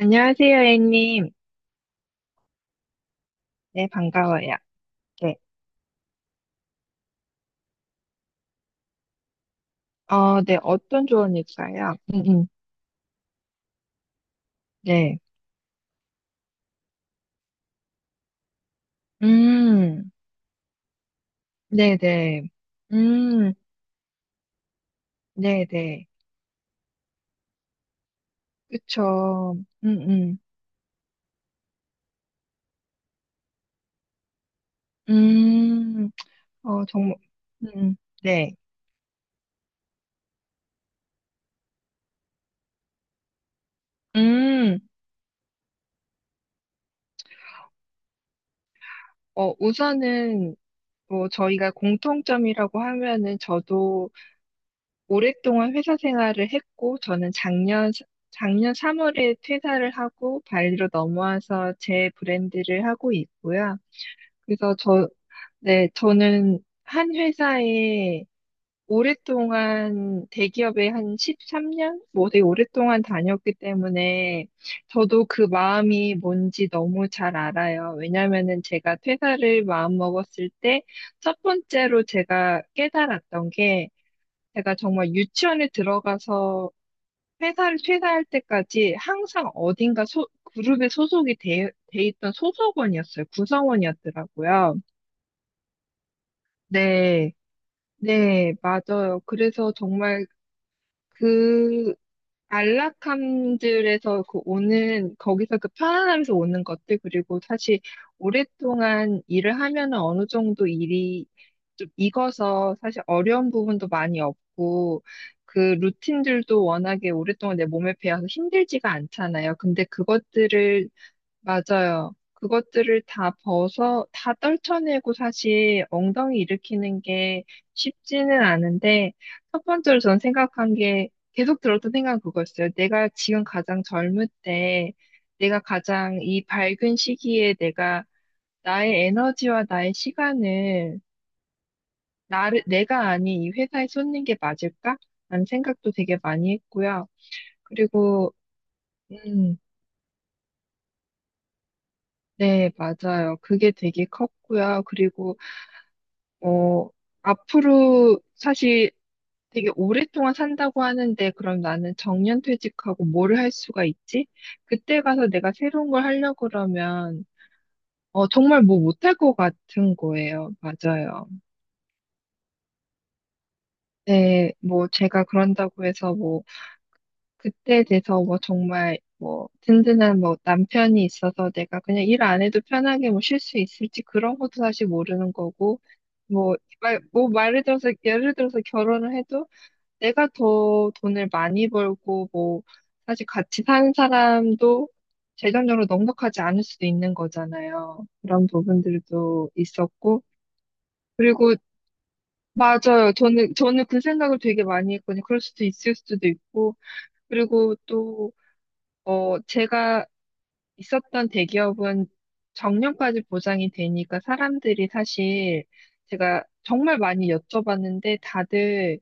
안녕하세요, A님. 네, 반가워요. 네. 네, 어떤 조언일까요? 네. 음, 네네. 음, 네네. 그쵸. 음, 음, 음, 정말, 음, 네. 음, 우선은, 뭐, 저희가 공통점이라고 하면은 저도 오랫동안 회사 생활을 했고, 저는 작년 3월에 퇴사를 하고, 발리로 넘어와서 제 브랜드를 하고 있고요. 그래서 저, 네, 저는 한 회사에 오랫동안 대기업에 한 13년? 뭐 되게 오랫동안 다녔기 때문에 저도 그 마음이 뭔지 너무 잘 알아요. 왜냐면은 제가 퇴사를 마음먹었을 때 첫 번째로 제가 깨달았던 게 제가 정말 유치원에 들어가서 회사를 퇴사할 때까지 항상 그룹에 소속이 돼 있던 소속원이었어요. 구성원이었더라고요. 네, 네, 맞아요. 그래서 정말 그 안락함들에서 그 오는, 거기서 그 편안함에서 오는 것들, 그리고 사실 오랫동안 일을 하면은 어느 정도 일이 좀 익어서 사실 어려운 부분도 많이 없고, 그 루틴들도 워낙에 오랫동안 내 몸에 배어서 힘들지가 않잖아요. 근데 그것들을 맞아요. 그것들을 다 떨쳐내고 사실 엉덩이 일으키는 게 쉽지는 않은데, 첫 번째로 전 생각한 게, 계속 들었던 생각은 그거였어요. 내가 지금 가장 젊을 때, 내가 가장 이 밝은 시기에 내가 나의 에너지와 내가 아닌 이 회사에 쏟는 게 맞을까? 라는 생각도 되게 많이 했고요. 그리고, 음, 네, 맞아요. 그게 되게 컸고요. 어, 앞으로 사실 되게 오랫동안 산다고 하는데, 그럼 나는 정년퇴직하고 뭐를 할 수가 있지? 그때 가서 내가 새로운 걸 하려고 그러면, 정말 뭐 못할 것 같은 거예요. 맞아요. 네, 뭐 제가 그런다고 해서 뭐, 그때 돼서 뭐 정말 뭐 든든한 뭐 남편이 있어서 내가 그냥 일 안 해도 편하게 뭐 쉴 수 있을지 그런 것도 사실 모르는 거고, 뭐, 뭐 말을 들어서, 예를 들어서 결혼을 해도 내가 더 돈을 많이 벌고, 뭐, 사실 같이 사는 사람도 재정적으로 넉넉하지 않을 수도 있는 거잖아요. 그런 부분들도 있었고. 그리고, 맞아요. 저는 그 생각을 되게 많이 했거든요. 그럴 수도 있을 수도 있고. 그리고 또, 제가 있었던 대기업은 정년까지 보장이 되니까 사람들이 사실 제가 정말 많이 여쭤봤는데 다들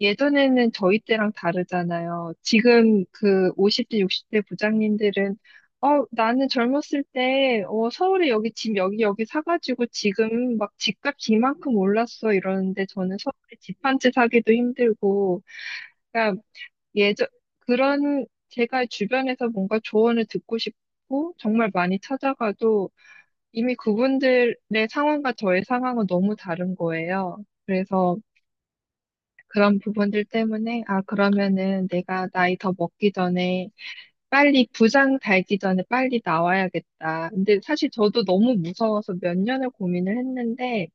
예전에는 저희 때랑 다르잖아요. 지금 그 50대, 60대 부장님들은, 어, 나는 젊었을 때, 어, 서울에 여기 집 여기 여기 사가지고 지금 막 집값 이만큼 올랐어 이러는데 저는 서울에 집 한 채 사기도 힘들고, 그러니까 예전, 그런 제가 주변에서 뭔가 조언을 듣고 싶고 정말 많이 찾아가도 이미 그분들의 상황과 저의 상황은 너무 다른 거예요. 그래서 그런 부분들 때문에, 아, 그러면은 내가 나이 더 먹기 전에 빨리 부장 달기 전에 빨리 나와야겠다. 근데 사실 저도 너무 무서워서 몇 년을 고민을 했는데,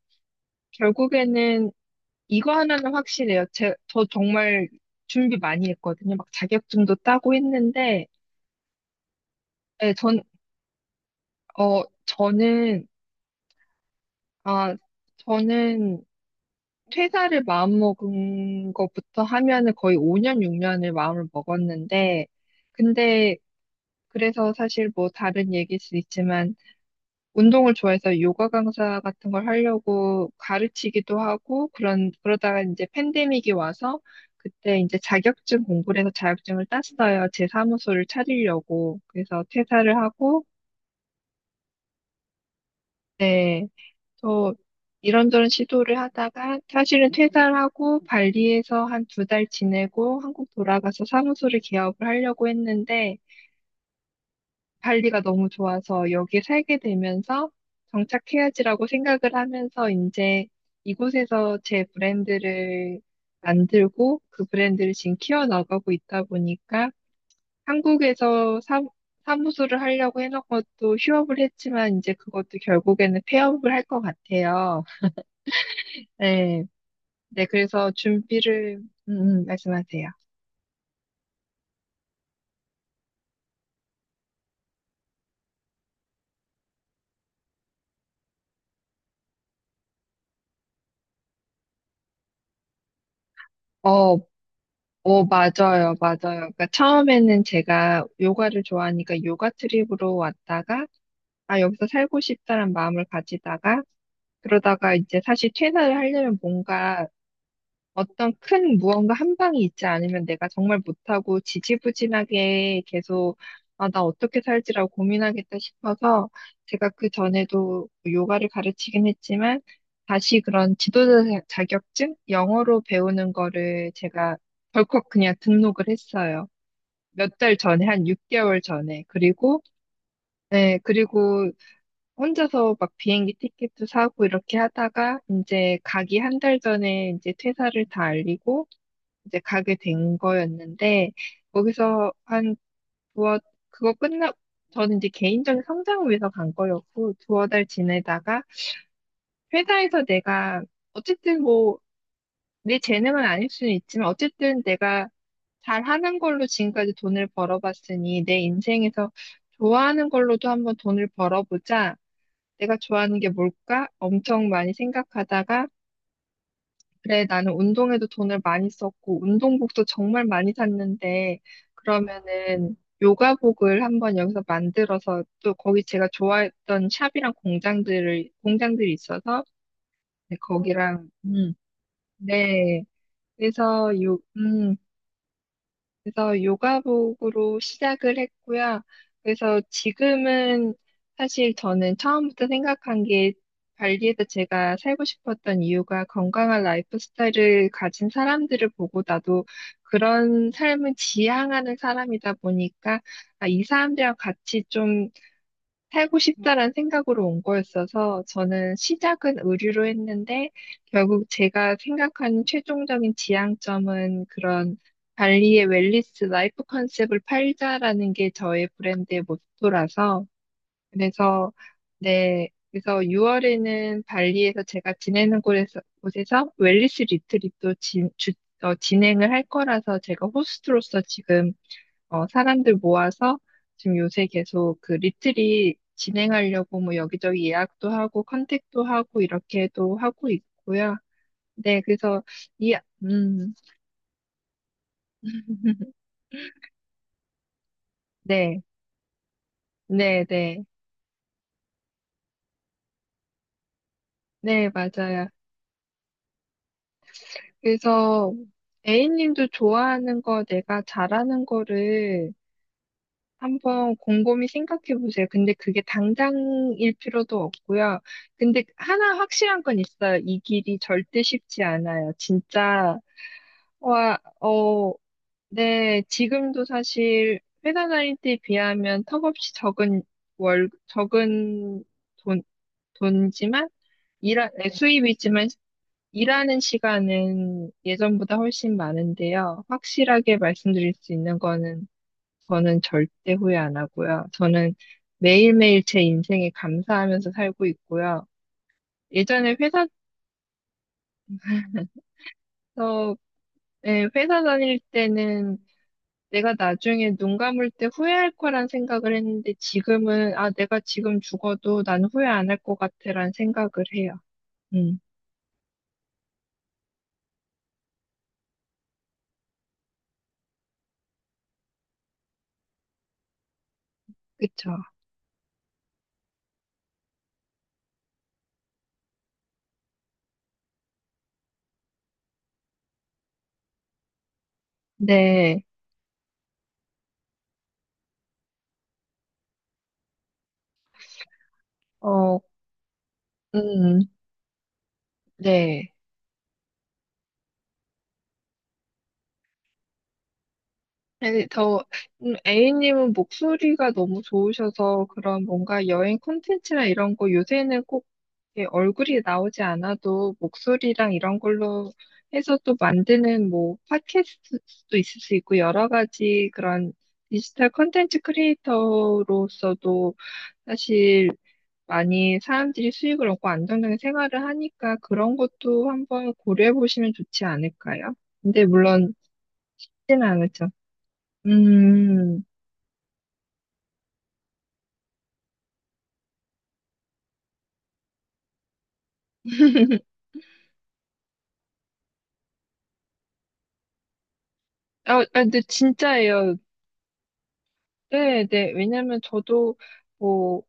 결국에는 이거 하나는 확실해요. 저 정말 준비 많이 했거든요. 막 자격증도 따고 했는데, 예, 전, 어, 저는, 아, 저는 퇴사를 마음먹은 것부터 하면은 거의 5년, 6년을 마음을 먹었는데, 근데 그래서 사실 뭐 다른 얘기일 수 있지만 운동을 좋아해서 요가 강사 같은 걸 하려고 가르치기도 하고 그런 그러다가 이제 팬데믹이 와서 그때 이제 자격증 공부를 해서 자격증을 땄어요. 제 사무소를 차리려고. 그래서 퇴사를 하고 네. 또 이런저런 시도를 하다가 사실은 퇴사를 하고 발리에서 한 두 달 지내고 한국 돌아가서 사무소를 개업을 하려고 했는데 발리가 너무 좋아서 여기 살게 되면서 정착해야지라고 생각을 하면서 이제 이곳에서 제 브랜드를 만들고 그 브랜드를 지금 키워나가고 있다 보니까 한국에서 사, 사무소를 하려고 해놓은 것도 휴업을 했지만 이제 그것도 결국에는 폐업을 할 것 같아요. 네. 네, 그래서 말씀하세요. 어, 오, 맞아요, 맞아요. 그러니까 처음에는 제가 요가를 좋아하니까 요가 트립으로 왔다가, 아, 여기서 살고 싶다는 마음을 가지다가, 그러다가 이제 사실 퇴사를 하려면 뭔가 어떤 큰 무언가 한 방이 있지 않으면 내가 정말 못하고 지지부진하게 계속 아, 나 어떻게 살지라고 고민하겠다 싶어서 제가 그 전에도 요가를 가르치긴 했지만 다시 그런 자격증? 영어로 배우는 거를 제가 덜컥 그냥 등록을 했어요. 몇 달 전에, 한 6개월 전에. 그리고, 네, 그리고 혼자서 막 비행기 티켓도 사고 이렇게 하다가 이제 가기 한 달 전에 이제 퇴사를 다 알리고 이제 가게 된 거였는데 거기서 한 두어 그거 끝나 저는 이제 개인적인 성장을 위해서 간 거였고 두어 달 지내다가 회사에서 내가 어쨌든 뭐 내 재능은 아닐 수는 있지만 어쨌든 내가 잘하는 걸로 지금까지 돈을 벌어봤으니 내 인생에서 좋아하는 걸로도 한번 돈을 벌어보자. 내가 좋아하는 게 뭘까? 엄청 많이 생각하다가 그래, 나는 운동에도 돈을 많이 썼고, 운동복도 정말 많이 샀는데, 그러면은, 요가복을 한번 여기서 만들어서, 또 거기 제가 좋아했던 샵이랑 공장들이 있어서, 네, 거기랑, 네. 그래서 요, 음, 그래서 요가복으로 시작을 했고요. 그래서 지금은 사실 저는 처음부터 생각한 게 발리에서 제가 살고 싶었던 이유가 건강한 라이프 스타일을 가진 사람들을 보고 나도 그런 삶을 지향하는 사람이다 보니까 아, 이 사람들이랑 같이 좀 살고 싶다라는 생각으로 온 거였어서 저는 시작은 의류로 했는데 결국 제가 생각하는 최종적인 지향점은 그런 발리의 웰니스 라이프 컨셉을 팔자라는 게 저의 브랜드의 모토라서 그래서 네 그래서 6월에는 발리에서 제가 지내는 곳에서 곳에서 웰니스 리트릿도 진행을 할 거라서 제가 호스트로서 지금 사람들 모아서 지금 요새 계속 그 리트릿 진행하려고 뭐 여기저기 예약도 하고 컨택도 하고 이렇게도 하고 있고요. 네, 그래서 이, 음, 네, 네, 네, 네, 맞아요. 그래서 A님도 좋아하는 거 내가 잘하는 거를 한번 곰곰이 생각해 보세요. 근데 그게 당장일 필요도 없고요. 근데 하나 확실한 건 있어요. 이 길이 절대 쉽지 않아요. 진짜 와, 어, 네, 지금도 사실 회사 다닐 때에 비하면 턱없이 적은 돈, 돈이지만, 네, 수입이지만, 일하는 시간은 예전보다 훨씬 많은데요. 확실하게 말씀드릴 수 있는 거는, 저는 절대 후회 안 하고요. 저는 매일매일 제 인생에 감사하면서 살고 있고요. 예전에 회사에서, 예, 회사 다닐 때는 내가 나중에 눈 감을 때 후회할 거란 생각을 했는데 지금은, 아, 내가 지금 죽어도 난 후회 안 할 것 같아란 생각을 해요. 음, 그쵸. 네, 어, 음, 네. 아니, 더, A님은 목소리가 너무 좋으셔서 그런 뭔가 여행 콘텐츠나 이런 거 요새는 꼭 이렇게 얼굴이 나오지 않아도 목소리랑 이런 걸로 해서 또 만드는 뭐 팟캐스트도 있을 수 있고 여러 가지 그런 디지털 콘텐츠 크리에이터로서도 사실 많이 사람들이 수익을 얻고 안정적인 생활을 하니까 그런 것도 한번 고려해 보시면 좋지 않을까요? 근데 물론 쉽지는 않죠. 음. 근데 진짜예요. 네, 네. 왜냐면 저도 뭐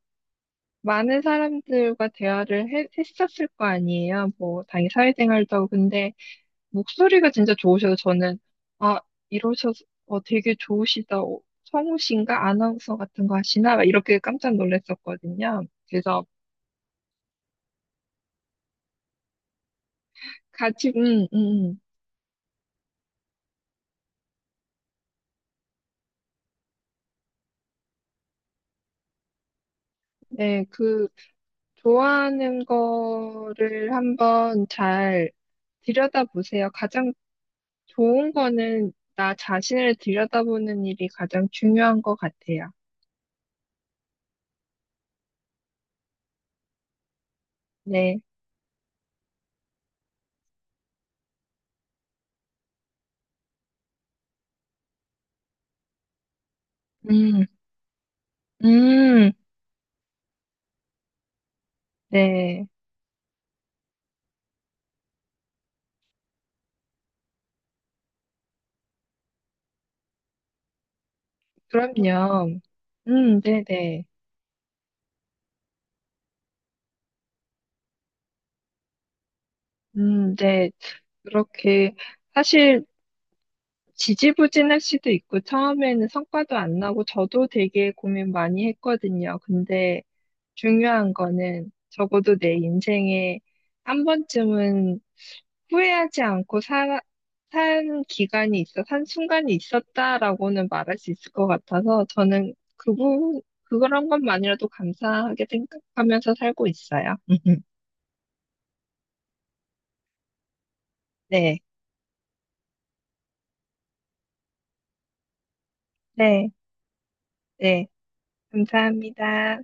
많은 사람들과 대화를 했었을 거 아니에요. 뭐 당연히 사회생활도 하고 근데 목소리가 진짜 좋으셔서 저는 아 이러셔서 되게 좋으시다. 성우신가 아나운서 같은 거 하시나 막 이렇게 깜짝 놀랐었거든요. 그래서 같이 네, 그 좋아하는 거를 한번 잘 들여다보세요. 가장 좋은 거는 나 자신을 들여다보는 일이 가장 중요한 것 같아요. 네. 음, 음, 네. 그럼요. 네네. 네. 그렇게, 사실, 지지부진할 수도 있고, 처음에는 성과도 안 나고, 저도 되게 고민 많이 했거든요. 근데, 중요한 거는 적어도 내 인생에 한 번쯤은 후회하지 않고 사, 산 기간이 있어, 산 순간이 있었다라고는 말할 수 있을 것 같아서 저는 그런 것만이라도 감사하게 생각하면서 살고 있어요. 네, 네, 네. 감사합니다.